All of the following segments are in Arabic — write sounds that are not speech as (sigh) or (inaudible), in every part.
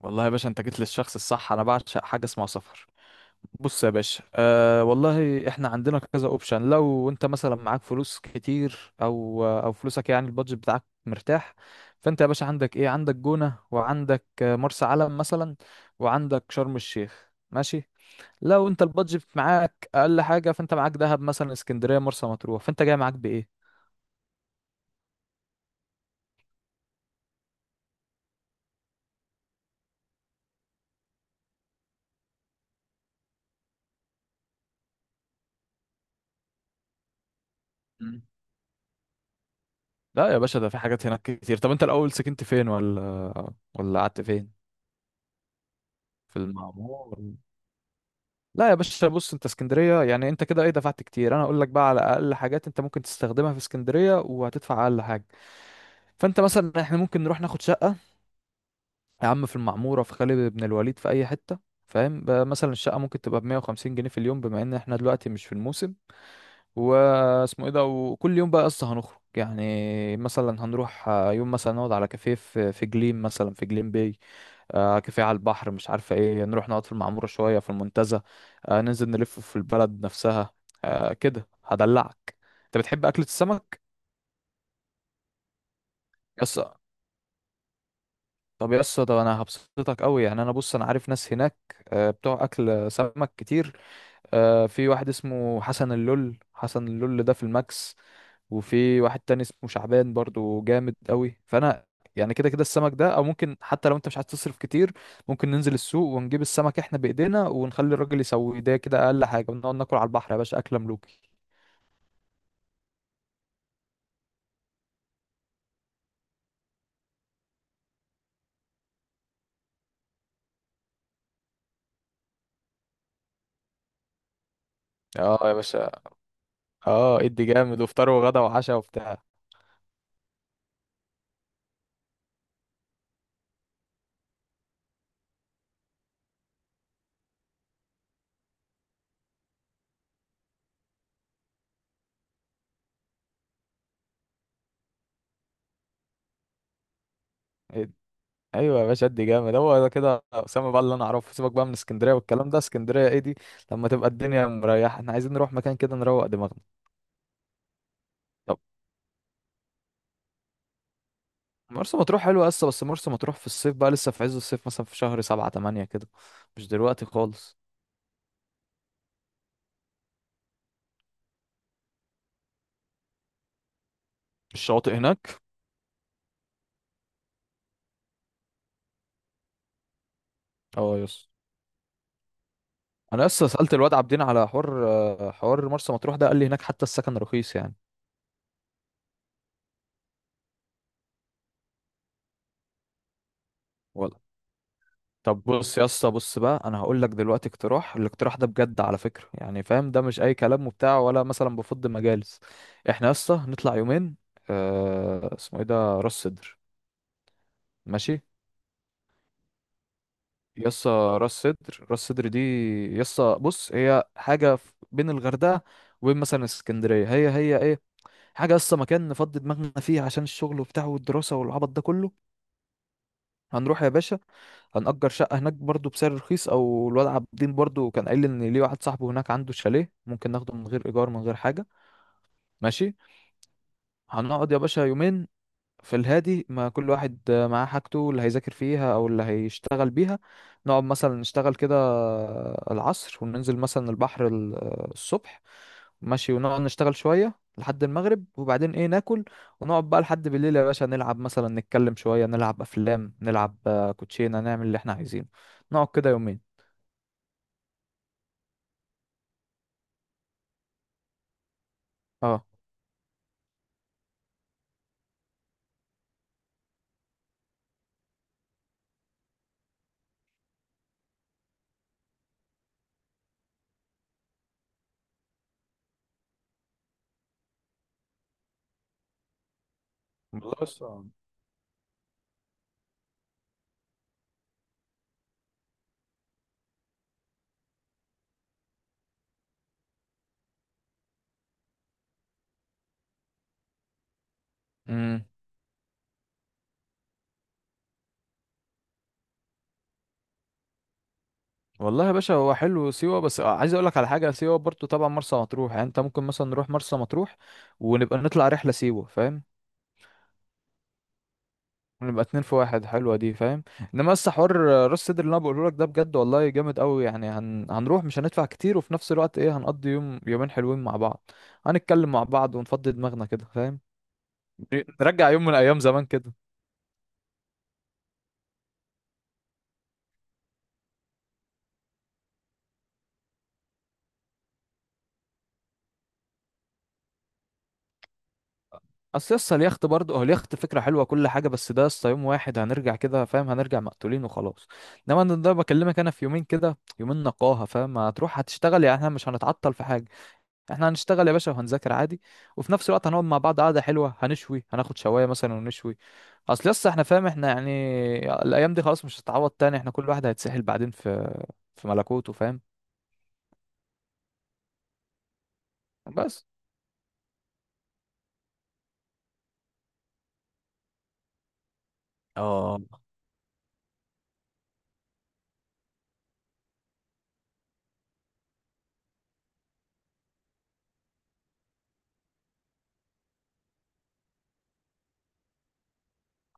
والله يا باشا، انت جيت للشخص الصح. انا بعشق حاجه اسمها سفر. بص يا باشا، والله احنا عندنا كذا اوبشن. لو انت مثلا معاك فلوس كتير او فلوسك، يعني البادجت بتاعك مرتاح، فانت يا باشا عندك ايه؟ عندك جونه، وعندك مرسى علم مثلا، وعندك شرم الشيخ. ماشي. لو انت البادجت معاك اقل حاجه، فانت معاك دهب مثلا، اسكندريه، مرسى مطروح. فانت جاي معاك بايه؟ مم. لا يا باشا، ده في حاجات هناك كتير. طب انت الاول سكنت فين ولا قعدت فين؟ في المعمور. لا يا باشا، بص انت اسكندريه، يعني انت كده ايه دفعت كتير. انا اقول لك بقى على اقل حاجات انت ممكن تستخدمها في اسكندريه وهتدفع اقل حاجه. فانت مثلا، احنا ممكن نروح ناخد شقه يا عم في المعموره، في خالد بن الوليد، في اي حته. فاهم بقى؟ مثلا الشقه ممكن تبقى ب 150 جنيه في اليوم بما ان احنا دلوقتي مش في الموسم. واسمه ايه ده، وكل يوم بقى قصه، هنخرج يعني مثلا، هنروح يوم مثلا نقعد على كافيه في جليم، مثلا في جليم باي، كافيه على البحر. مش عارفة ايه، نروح نقعد في المعمورة شوية، في المنتزه، ننزل نلف في البلد نفسها، كده هدلعك. انت بتحب أكلة السمك؟ يس. طب يس. طب انا هبسطك قوي، يعني انا بص انا عارف ناس هناك، بتوع اكل سمك كتير. في واحد اسمه حسن اللول، حسن اللول ده في الماكس. وفي واحد تاني اسمه شعبان، برضو جامد قوي. فانا يعني كده كده السمك ده، او ممكن حتى لو انت مش عايز تصرف كتير، ممكن ننزل السوق ونجيب السمك احنا بايدينا ونخلي الراجل يسوي ده، كده اقل حاجه، ونقعد ناكل على البحر يا باشا اكله ملوكي. اه يا باشا. اه ادي جامد، وفطار وغدا وعشاء وبتاع. إد- ايوه يا باشا، ادي جامد. هو ده كده اسامه بقى اللي انا اعرفه. سيبك بقى من اسكندريه والكلام ده، اسكندريه ايه دي؟ لما تبقى الدنيا مريحه احنا عايزين نروح مكان كده نروق دماغنا. مرسى مطروح حلوة لسه، بس مرسى مطروح في الصيف بقى، لسه في عز الصيف، مثلا في شهر 7 8 كده، مش دلوقتي خالص. الشواطئ هناك. اه، يس. انا لسه سألت الواد عابدين على حوار مرسى مطروح ده، قال لي هناك حتى السكن رخيص يعني. ولا. طب بص يا اسطى، بص بقى، انا هقول لك دلوقتي اقتراح. الاقتراح ده بجد على فكرة، يعني فاهم، ده مش اي كلام وبتاع، ولا مثلا بفض مجالس. احنا يا اسطى نطلع يومين. اسمه ايه ده؟ راس سدر. ماشي. يسا. راس سدر دي. يسا، بص، هي حاجة بين الغردقة وبين مثلا اسكندرية. هي ايه؟ حاجة يسا، مكان نفضي دماغنا فيه عشان الشغل وبتاع والدراسة والعبط ده كله. هنروح يا باشا، هنأجر شقة هناك برضو بسعر رخيص، او الواد عبد الدين برضو كان قايل لي ان ليه واحد صاحبه هناك عنده شاليه ممكن ناخده من غير ايجار، من غير حاجة. ماشي. هنقعد يا باشا يومين في الهادي، ما كل واحد معاه حاجته اللي هيذاكر فيها او اللي هيشتغل بيها. نقعد مثلا نشتغل كده العصر، وننزل مثلا البحر الصبح. ماشي. ونقعد نشتغل شوية لحد المغرب، وبعدين ايه، ناكل. ونقعد بقى لحد بالليل يا باشا نلعب، مثلا نتكلم شوية، نلعب افلام، نلعب كوتشينة، نعمل اللي احنا عايزينه. نقعد كده يومين. اه، والله. بس. مم. والله يا باشا، هو حلو سيوة، بس عايز اقول لك على حاجة. سيوة برضو طبعا، مرسى مطروح يعني، انت ممكن مثلا نروح مرسى مطروح ونبقى نطلع رحلة سيوة، فاهم؟ ونبقى اتنين في واحد. حلوة دي فاهم. انما بس حوار راس سدر اللي انا بقوله لك ده بجد والله جامد قوي، يعني هنروح مش هندفع كتير، وفي نفس الوقت ايه، هنقضي يوم يومين حلوين مع بعض، هنتكلم مع بعض ونفضي دماغنا كده، فاهم؟ نرجع يوم من ايام زمان كده. اصل يسطا اليخت برضه، هو اليخت فكره حلوه كل حاجه، بس ده يسطا يوم واحد، هنرجع كده فاهم، هنرجع مقتولين وخلاص. انما انا ده بكلمك انا في يومين كده، يومين نقاهه فاهم. هتروح هتشتغل، يعني احنا مش هنتعطل في حاجه، احنا هنشتغل يا باشا وهنذاكر عادي، وفي نفس الوقت هنقعد مع بعض قعده حلوه، هنشوي، هناخد شوايه مثلا ونشوي. اصل يسطا احنا فاهم، احنا يعني الايام دي خلاص مش هتتعوض تاني، احنا كل واحد هيتسحل بعدين في ملكوته فاهم. بس. اه،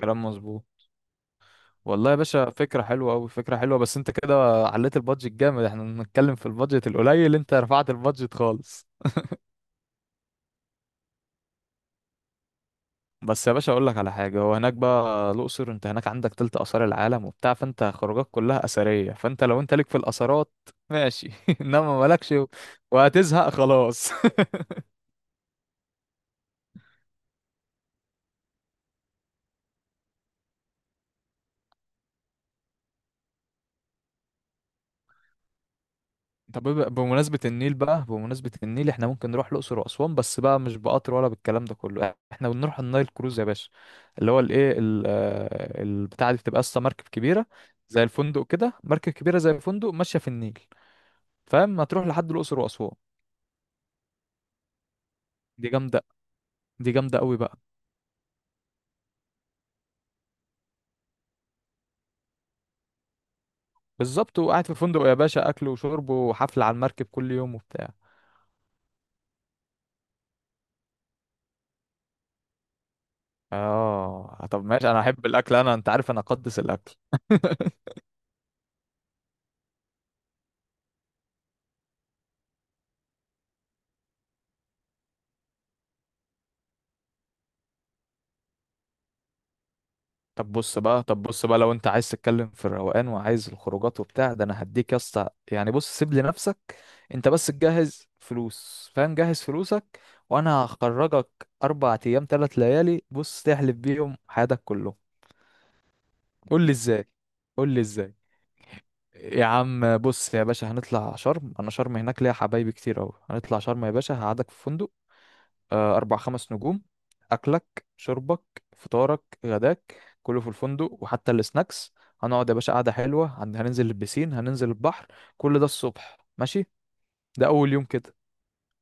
كلام مظبوط. والله يا باشا، فكرة حلوة أوي، فكرة حلوة، بس أنت كده عليت البادجت جامد. احنا بنتكلم في البادجت القليل، أنت رفعت البادجت خالص. بس يا باشا أقول لك على حاجة، هو هناك بقى الأقصر، أنت هناك عندك تلت آثار العالم وبتاع، فأنت خروجك كلها أثرية، فأنت لو أنت ليك في الآثارات، ماشي (laughs) إنما مالكش وهتزهق خلاص (laughs) طب بمناسبة النيل بقى، بمناسبة النيل احنا ممكن نروح الأقصر وأسوان، بس بقى مش بقطر ولا بالكلام ده كله، احنا بنروح النايل كروز يا باشا. اللي هو الايه، البتاعة دي بتبقى اصلا مركب كبيرة زي الفندق كده، مركب كبيرة زي الفندق ماشية في النيل، فاهم، هتروح لحد الأقصر وأسوان. دي جامدة. دي جامدة قوي بقى. بالظبط. وقاعد في فندق يا باشا، أكل وشرب وحفلة على المركب كل يوم وبتاع. اه، طب ماشي، انا احب الاكل، انا انت عارف انا اقدس الاكل (laughs) طب بص بقى، لو انت عايز تتكلم في الروقان وعايز الخروجات وبتاع ده، انا هديك يا اسطى يعني. بص، سيب لي نفسك، انت بس تجهز فلوس، فاهم، جهز فلوسك، وانا هخرجك 4 ايام 3 ليالي. بص، تحلف بيهم حياتك كلهم. قول لي ازاي. قول لي ازاي. يا عم بص يا باشا، هنطلع شرم. انا شرم هناك ليا حبايبي كتير اوي. هنطلع شرم يا باشا، هقعدك في فندق أربع خمس نجوم. أكلك، شربك، فطارك، غداك، كله في الفندق، وحتى السناكس. هنقعد يا باشا قعدة حلوة. هننزل البسين، هننزل البحر، كل ده الصبح ماشي. ده أول يوم كده.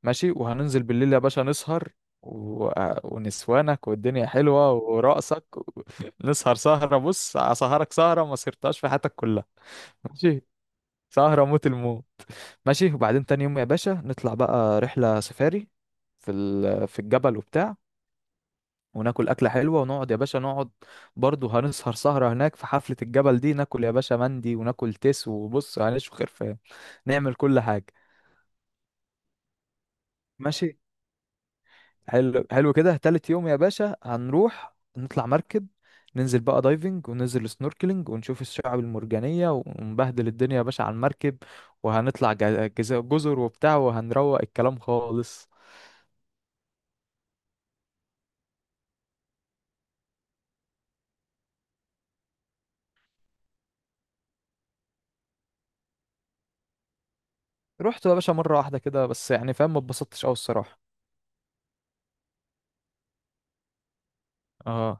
ماشي، وهننزل بالليل يا باشا نسهر و... ونسوانك والدنيا حلوة ورقصك و... (laughs) نسهر سهرة. بص، أسهرك سهرة ما سهرتهاش في حياتك كلها. ماشي. سهرة موت الموت. ماشي، وبعدين تاني يوم يا باشا نطلع بقى رحلة سفاري في الجبل وبتاع، وناكل أكلة حلوة، ونقعد يا باشا نقعد. برضه هنسهر سهرة هناك في حفلة الجبل دي. ناكل يا باشا مندي، وناكل تيس، وبص هنشوي خرفان، نعمل كل حاجة. ماشي. حلو حلو كده. تالت يوم يا باشا هنروح نطلع مركب، ننزل بقى دايفنج، وننزل سنوركلينج، ونشوف الشعاب المرجانية، ونبهدل الدنيا يا باشا على المركب. وهنطلع جزر وبتاع، وهنروق الكلام خالص. رحت يا باشا مرة واحدة كده بس، يعني فاهم، ما اتبسطتش أوي الصراحة. اه.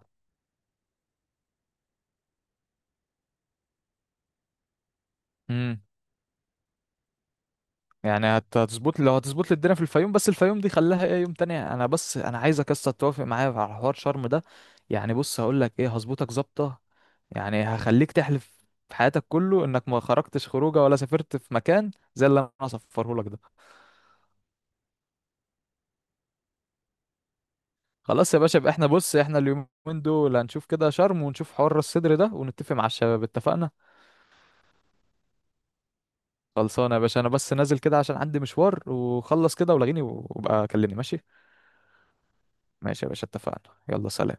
امم يعني هتظبط. لو هتظبط لي الدنيا في الفيوم، بس الفيوم دي خليها ايه يوم تاني، انا بس انا عايزك لسه توافق معايا على حوار شرم ده. يعني بص هقول لك ايه، هظبطك ظابطه. يعني هخليك تحلف في حياتك كله انك ما خرجتش خروجه ولا سافرت في مكان زي اللي انا هصفره لك ده. خلاص يا باشا، يبقى احنا، بص، احنا اليومين دول هنشوف كده شرم، ونشوف حوار راس الصدر ده، ونتفق مع الشباب. اتفقنا. خلصانه يا باشا، انا بس نازل كده عشان عندي مشوار وخلص كده ولاغيني، وابقى كلمني. ماشي. ماشي يا باشا، اتفقنا. يلا، سلام.